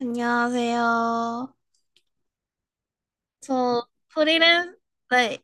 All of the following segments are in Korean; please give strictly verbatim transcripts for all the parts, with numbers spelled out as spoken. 안녕하세요. 저 프리랜서, 네,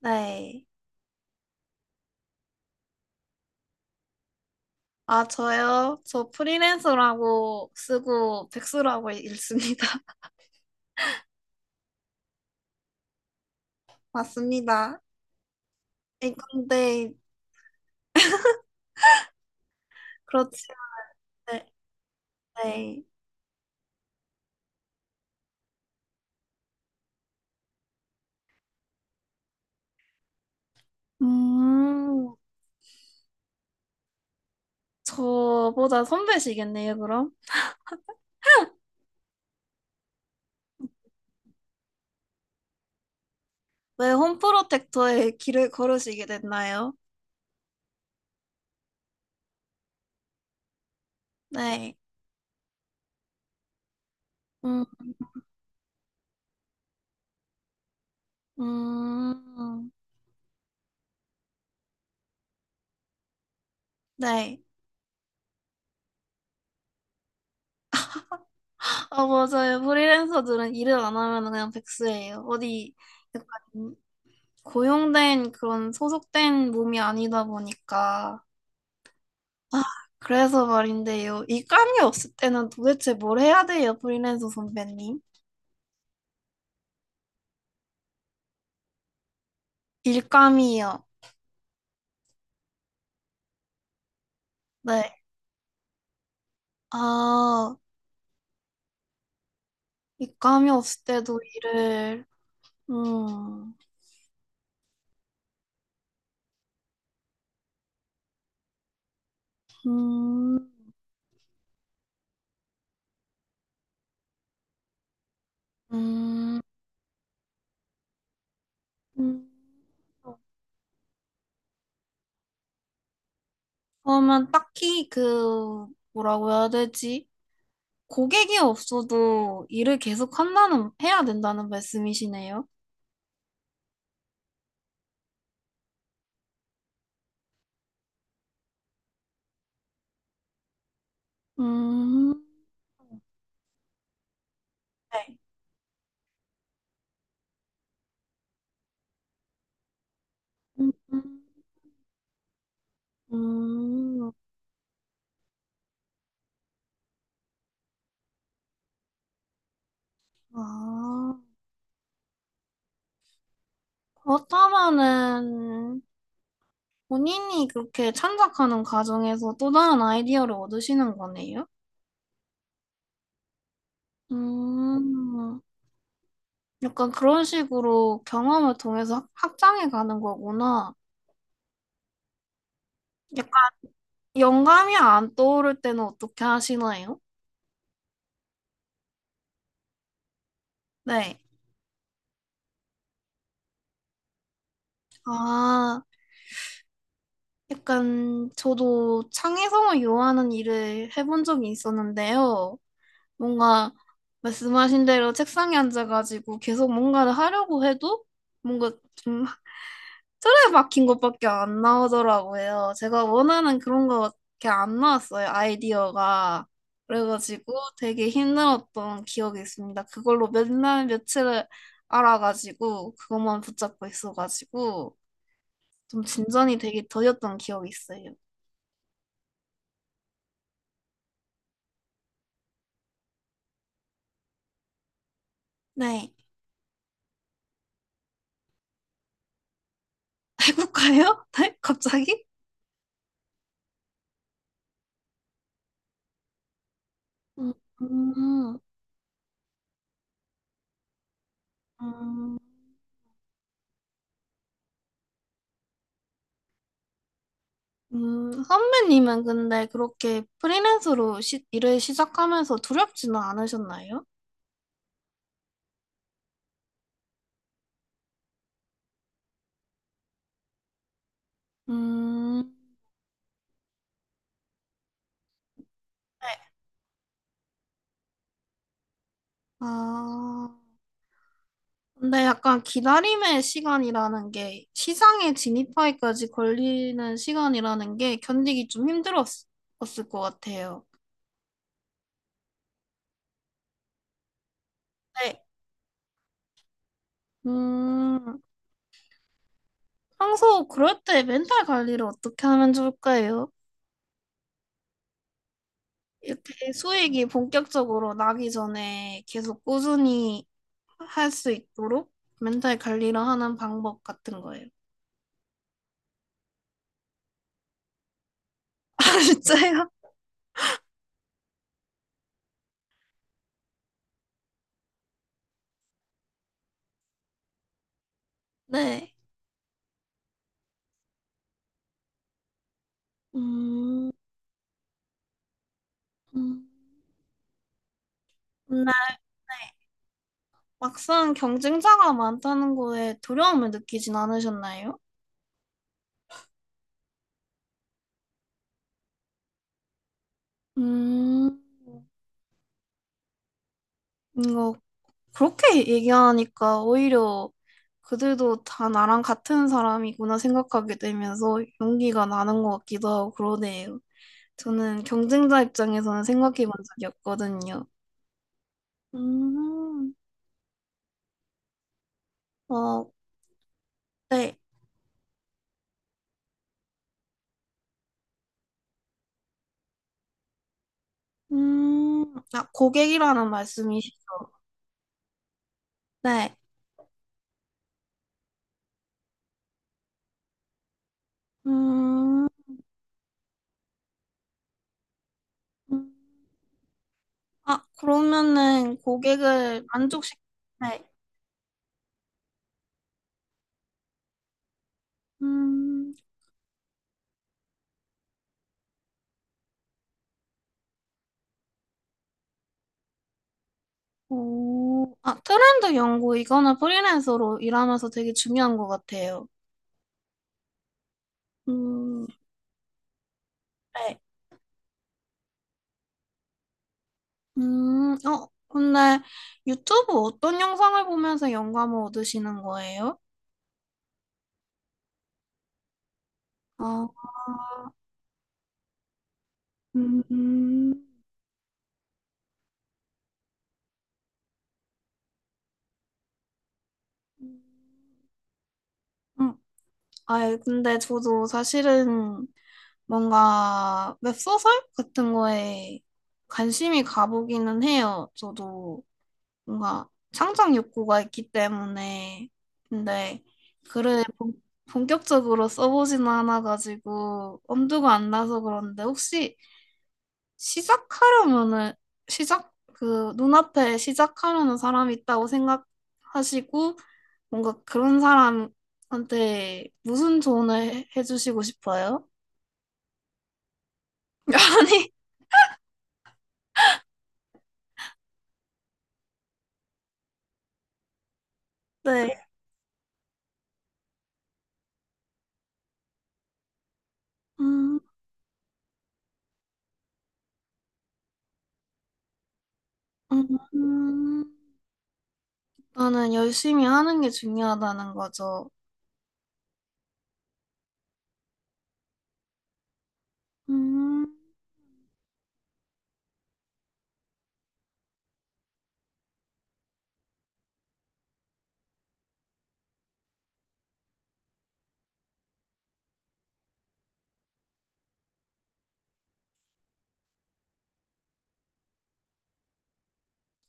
네. 아, 저요? 저 프리랜서라고 쓰고 백수라고 읽습니다. 맞습니다. 에, 근데, 그렇지, 네, 네. 음, 저보다 선배시겠네요, 그럼? 왜 홈프로텍터에 길을 걸으시게 됐나요? 네. 음, 음, 네. 아, 맞아요. 프리랜서들은 일을 안 하면 그냥 백수예요. 어디, 약간 고용된 그런 소속된 몸이 아니다 보니까. 아, 그래서 말인데요, 일감이 없을 때는 도대체 뭘 해야 돼요, 프리랜서 선배님? 일감이요. 네. 아, 일감이 없을 때도 일을. 음. 음. 음. 음. 그러면 딱히 그 뭐라고 해야 되지? 고객이 없어도 일을 계속 한다는 해야 된다는 말씀이시네요. 음. 네. 음, 음, 아, 그렇다면은 본인이 그렇게 창작하는 과정에서 또 다른 아이디어를 얻으시는 거네요? 음, 약간 그런 식으로 경험을 통해서 확- 확장해 가는 거구나. 약간 영감이 안 떠오를 때는 어떻게 하시나요? 네. 아, 약간 저도 창의성을 요하는 일을 해본 적이 있었는데요. 뭔가 말씀하신 대로 책상에 앉아가지고 계속 뭔가를 하려고 해도 뭔가 좀 틀에 박힌 것밖에 안 나오더라고요. 제가 원하는 그런 거밖에 안 나왔어요, 아이디어가. 그래가지고 되게 힘들었던 기억이 있습니다. 그걸로 몇 날 며칠을 알아가지고 그것만 붙잡고 있어가지고 좀 진전이 되게 더뎠던 기억이 있어요. 네. 해볼까요? 네? 갑자기? 음, 음. 음. 음, 선배님은 근데 그렇게 프리랜서로 시- 일을 시작하면서 두렵지는 않으셨나요? 음, 네. 아, 근데 약간 기다림의 시간이라는 게 시장에 진입하기까지 걸리는 시간이라는 게 견디기 좀 힘들었을 것 같아요. 네. 음, 평소 그럴 때 멘탈 관리를 어떻게 하면 좋을까요? 이렇게 수익이 본격적으로 나기 전에 계속 꾸준히 할 수 있도록 멘탈 관리를 하는 방법 같은 거예요. 아, 진짜요? 네. 음, 음. 근데 막상 경쟁자가 많다는 거에 두려움을 느끼진 않으셨나요? 음, 이거 그렇게 얘기하니까 오히려 그들도 다 나랑 같은 사람이구나 생각하게 되면서 용기가 나는 것 같기도 하고 그러네요. 저는 경쟁자 입장에서는 생각해 본 적이 없거든요. 음, 어, 네. 음, 아, 고객이라는 말씀이신데, 음, 아, 그러면은 고객을 만족시키, 네. 음, 오, 아, 트렌드 연구, 이거는 프리랜서로 일하면서 되게 중요한 것 같아요. 음, 네. 음, 어, 근데 유튜브 어떤 영상을 보면서 영감을 얻으시는 거예요? 아, 음, 음, 음. 아, 근데 저도 사실은 뭔가 웹소설 같은 거에 관심이 가보기는 해요. 저도 뭔가 창작 욕구가 있기 때문에. 근데 글을 본- 본격적으로 써보지는 않아가지고 엄두가 안 나서 그런데, 혹시 시작하려면은, 시작 그 눈앞에 시작하려는 사람이 있다고 생각하시고 뭔가 그런 사람한테 무슨 조언을 해- 해주시고 싶어요? 아니, 네. 음. 음, 나는 열심히 하는 게 중요하다는 거죠. 음,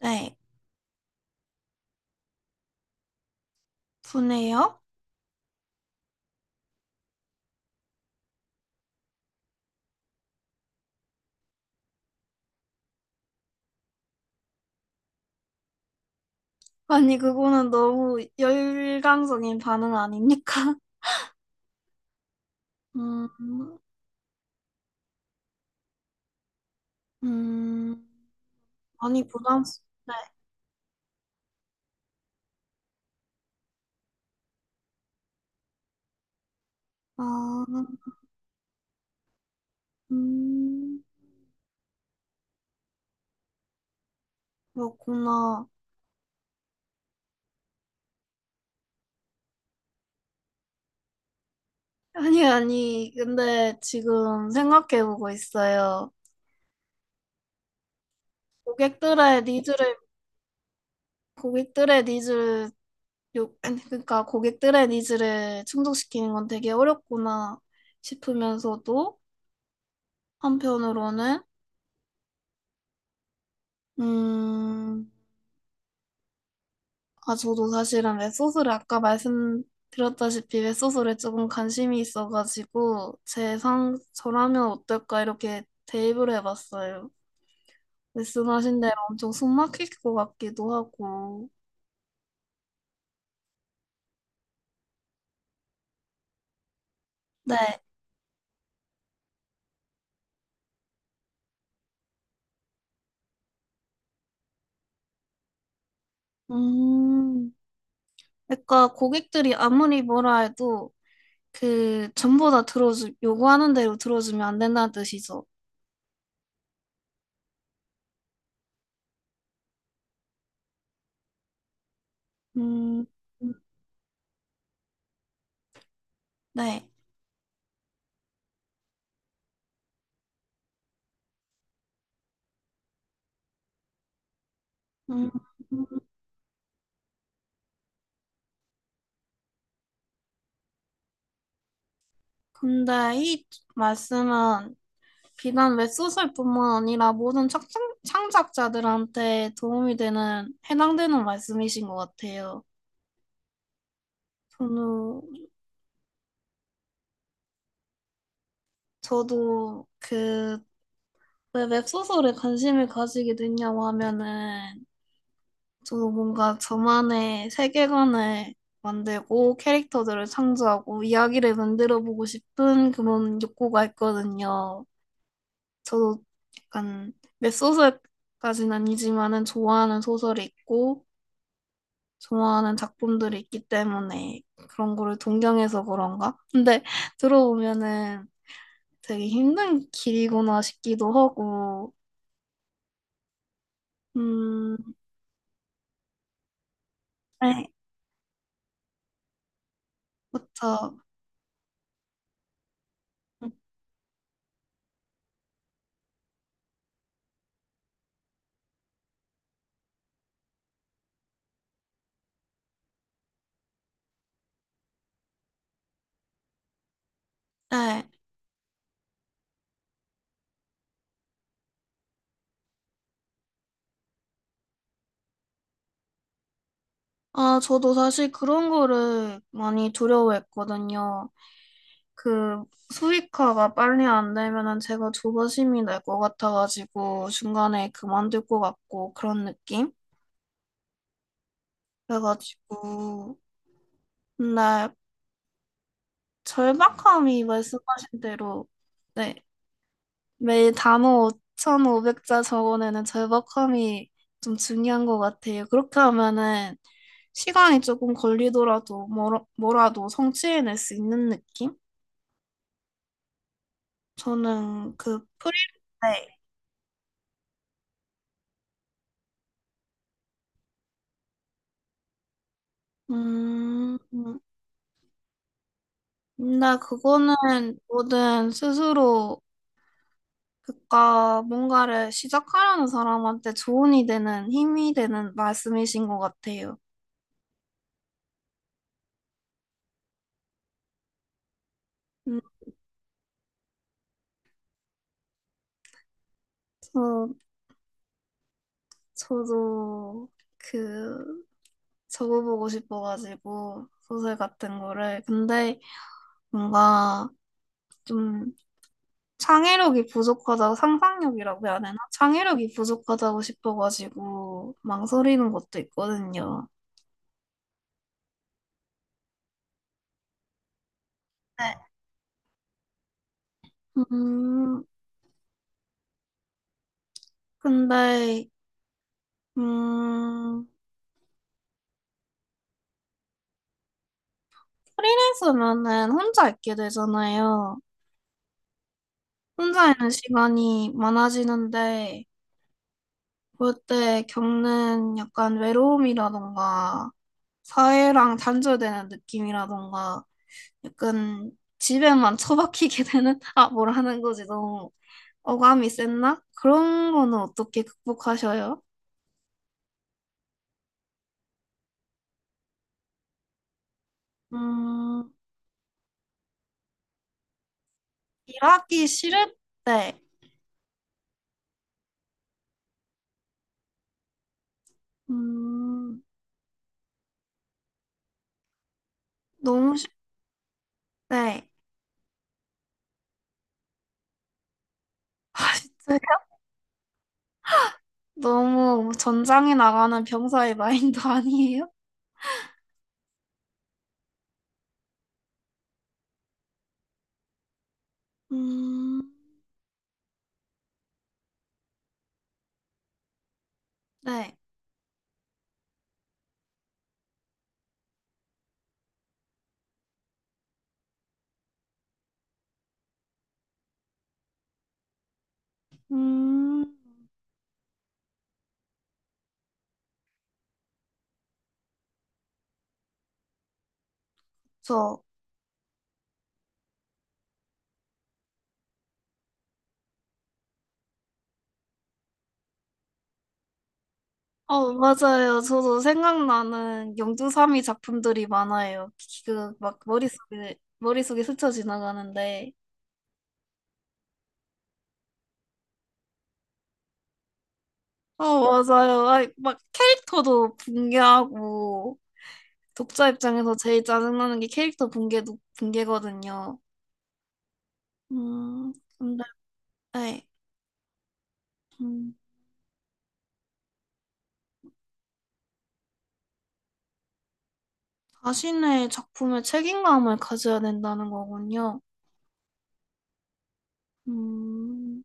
네, 분해요? 아니, 그거는 너무 열광적인 반응 아닙니까? 음, 음, 아니, 부담스, 네. 아, 음, 그렇구나. 아니, 아니, 근데 지금 생각해보고 있어요. 고객들의 니즈를, 고객들의 니즈를 요, 아니, 그러니까 고객들의 니즈를 충족시키는 건 되게 어렵구나 싶으면서도 한편으로는, 음, 아, 저도 사실은 웹소설을, 아까 말씀드렸다시피 웹소설에 조금 관심이 있어가지고, 제 상, 저라면 어떨까 이렇게 대입을 해봤어요. 말씀하신 대로 엄청 숨 막힐 것 같기도 하고. 네. 음, 그러니까 고객들이 아무리 뭐라 해도 그 전부 다 들어주 요구하는 대로 들어주면 안 된다는 뜻이죠. 음, 네. 음, 근데 이 말씀은 비단 웹소설뿐만 아니라 모든 창, 창작자들한테 도움이 되는 해당되는 말씀이신 것 같아요. 저는, 저도 그 왜 웹소설에 관심을 가지게 됐냐고 하면은, 저 뭔가 저만의 세계관을 만들고 캐릭터들을 창조하고 이야기를 만들어 보고 싶은 그런 욕구가 있거든요. 저도 약간 웹소설까지는 아니지만은 좋아하는 소설이 있고 좋아하는 작품들이 있기 때문에 그런 거를 동경해서 그런가? 근데 들어보면은 되게 힘든 길이구나 싶기도 하고. 음, 네, 그쵸. 네. 아, 저도 사실 그런 거를 많이 두려워했거든요. 그 수익화가 빨리 안 되면은 제가 조바심이 날 것 같아가지고 중간에 그만둘 것 같고 그런 느낌? 그래가지고 근데 절박함이, 말씀하신 대로, 네, 매일 단어 오천오백 자 적어내는 절박함이 좀 중요한 것 같아요. 그렇게 하면은 시간이 조금 걸리더라도 뭐라, 뭐라도 성취해낼 수 있는 느낌? 저는 그 프리랜서에, 음, 근데 그거는 뭐든 스스로, 그니까 뭔가를 시작하려는 사람한테 조언이 되는 힘이 되는 말씀이신 것 같아요. 음, 저, 저도 그 적어보고 싶어가지고 소설 같은 거를, 근데 뭔가 좀 창의력이 부족하다, 상상력이라고 해야 되나? 창의력이 부족하다고 싶어가지고 망설이는 것도 있거든요. 네. 음, 근데, 음, 프리랜서면은 혼자 있게 되잖아요. 혼자 있는 시간이 많아지는데, 그럴 때 겪는 약간 외로움이라던가, 사회랑 단절되는 느낌이라던가, 약간 집에만 처박히게 되는, 아, 뭐라는 거지, 너무. 어감이 셌나? 그런 거는 어떻게 극복하셔요? 음, 일하기 싫을 때, 음, 너무 싫을 때, 아, 진짜 너무 전장에 나가는 병사의 마인드 아니에요? 음, 네. 음, 저, 어, 맞아요. 저도 생각나는 영주삼이 작품들이 많아요. 그, 막, 머릿속에, 머릿속에 스쳐 지나가는데. 어, 맞아요. 아이, 막, 캐릭터도 붕괴하고, 독자 입장에서 제일 짜증나는 게 캐릭터 붕괴, 붕괴거든요. 음, 근데, 네. 음, 자신의 작품에 책임감을 가져야 된다는 거군요. 음,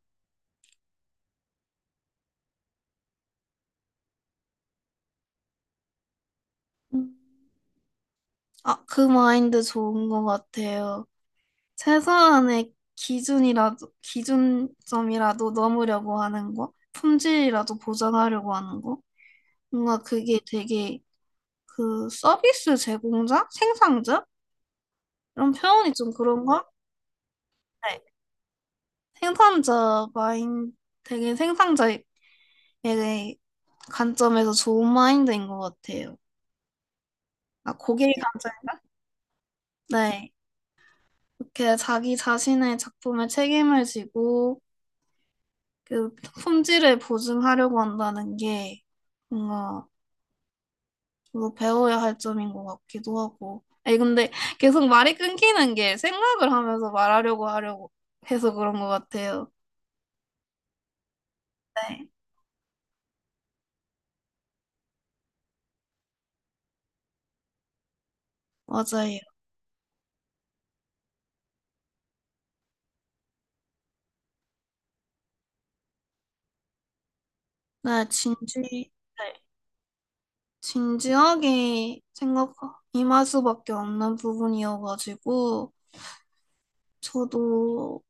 음. 아, 그 마인드 좋은 것 같아요. 최소한의 기준이라도, 기준점이라도 넘으려고 하는 거, 품질이라도 보장하려고 하는 거. 뭔가 그게 되게 그 서비스 제공자? 생산자? 이런 표현이 좀 그런가? 네. 생산자 마인 되게 생산자의 관점에서 좋은 마인드인 것 같아요. 아, 고객의 관점인가? 네. 이렇게 자기 자신의 작품에 책임을 지고 그 품질을 보증하려고 한다는 게, 뭔가 이거 배워야 할 점인 것 같기도 하고. 아니, 근데 계속 말이 끊기는 게 생각을 하면서 말하려고 하려고 해서 그런 것 같아요. 네, 맞아요. 네, 진지. 네. 진지하게 생각 임할 수밖에 없는 부분이어가지고 저도,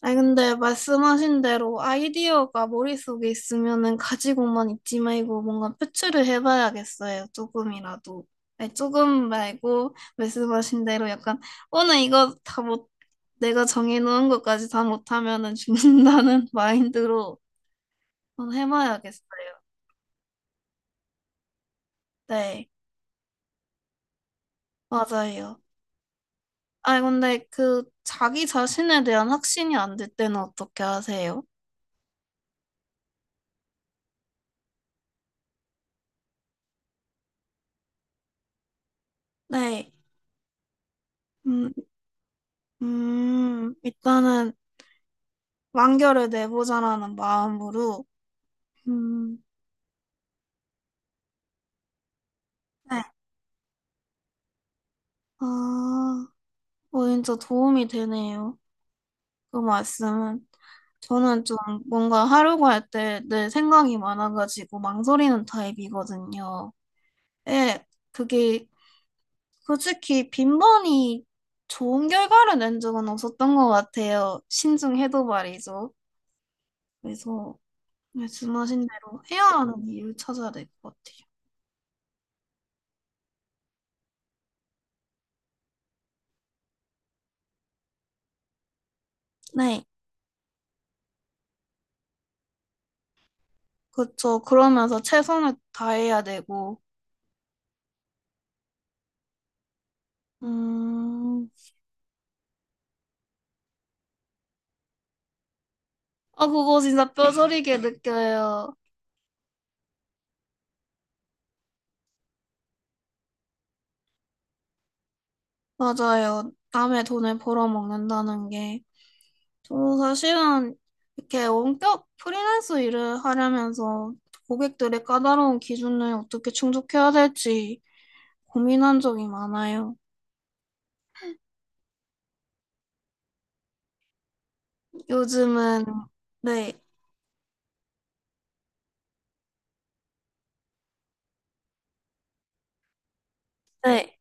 아니 근데 말씀하신 대로 아이디어가 머릿속에 있으면은 가지고만 있지 말고 뭔가 표출을 해봐야겠어요, 조금이라도. 아니, 조금 말고, 말씀하신 대로 약간 오늘 이거 다 못, 내가 정해놓은 것까지 다 못하면은 죽는다는 마인드로 한번 해봐야겠어요. 네. 맞아요. 아니, 근데 그 자기 자신에 대한 확신이 안 될 때는 어떻게 하세요? 네. 음, 음, 일단은 완결을 내보자라는 마음으로, 음, 네. 아, 어, 진짜 도움이 되네요, 그 말씀은. 저는 좀 뭔가 하려고 할 때 내 생각이 많아가지고 망설이는 타입이거든요. 예, 그게 솔직히 빈번히 좋은 결과를 낸 적은 없었던 것 같아요, 신중해도 말이죠. 그래서 말씀하신 대로 헤어하는 이유를 찾아야 될 것 같아요. 네. 그렇죠. 그러면서 최선을 다해야 되고, 음, 아, 그거 진짜 뼈저리게 느껴요. 맞아요. 남의 돈을 벌어먹는다는 게. 저도 사실은 이렇게 원격 프리랜서 일을 하려면서 고객들의 까다로운 기준을 어떻게 충족해야 될지 고민한 적이 많아요. 요즘은, 네, 네.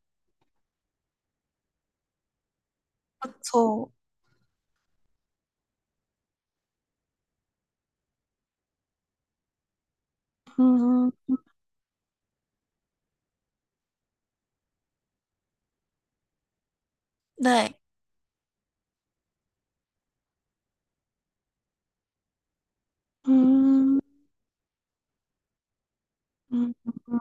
그렇죠. 음, 네. 음, 음, 음.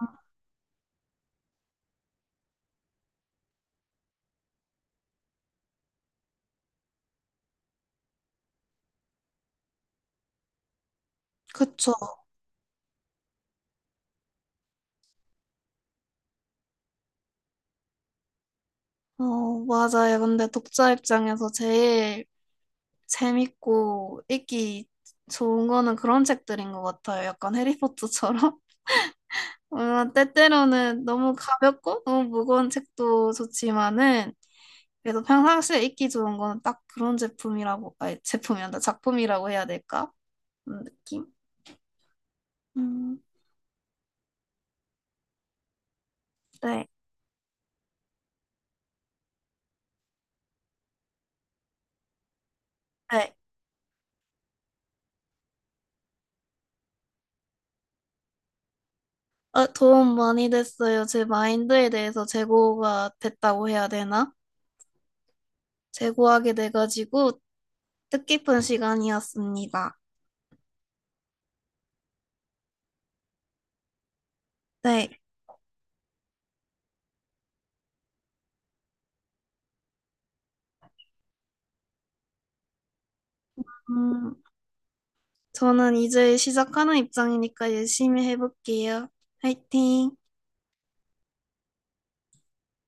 그쵸. 어, 맞아요. 근데 독자 입장에서 제일 재밌고 읽기 좋은 거는 그런 책들인 것 같아요. 약간 해리포터처럼. 어, 때때로는 너무 가볍고 너무 무거운 책도 좋지만은 그래도 평상시에 읽기 좋은 거는 딱 그런 제품이라고, 아니, 제품이란다. 작품이라고 해야 될까? 그런 느낌? 음, 네. 네. 어, 도움 많이 됐어요. 제 마인드에 대해서 재고가 됐다고 해야 되나? 제고하게 돼가지고 뜻깊은 시간이었습니다. 네. 음, 저는 이제 시작하는 입장이니까 열심히 해볼게요. 화이팅!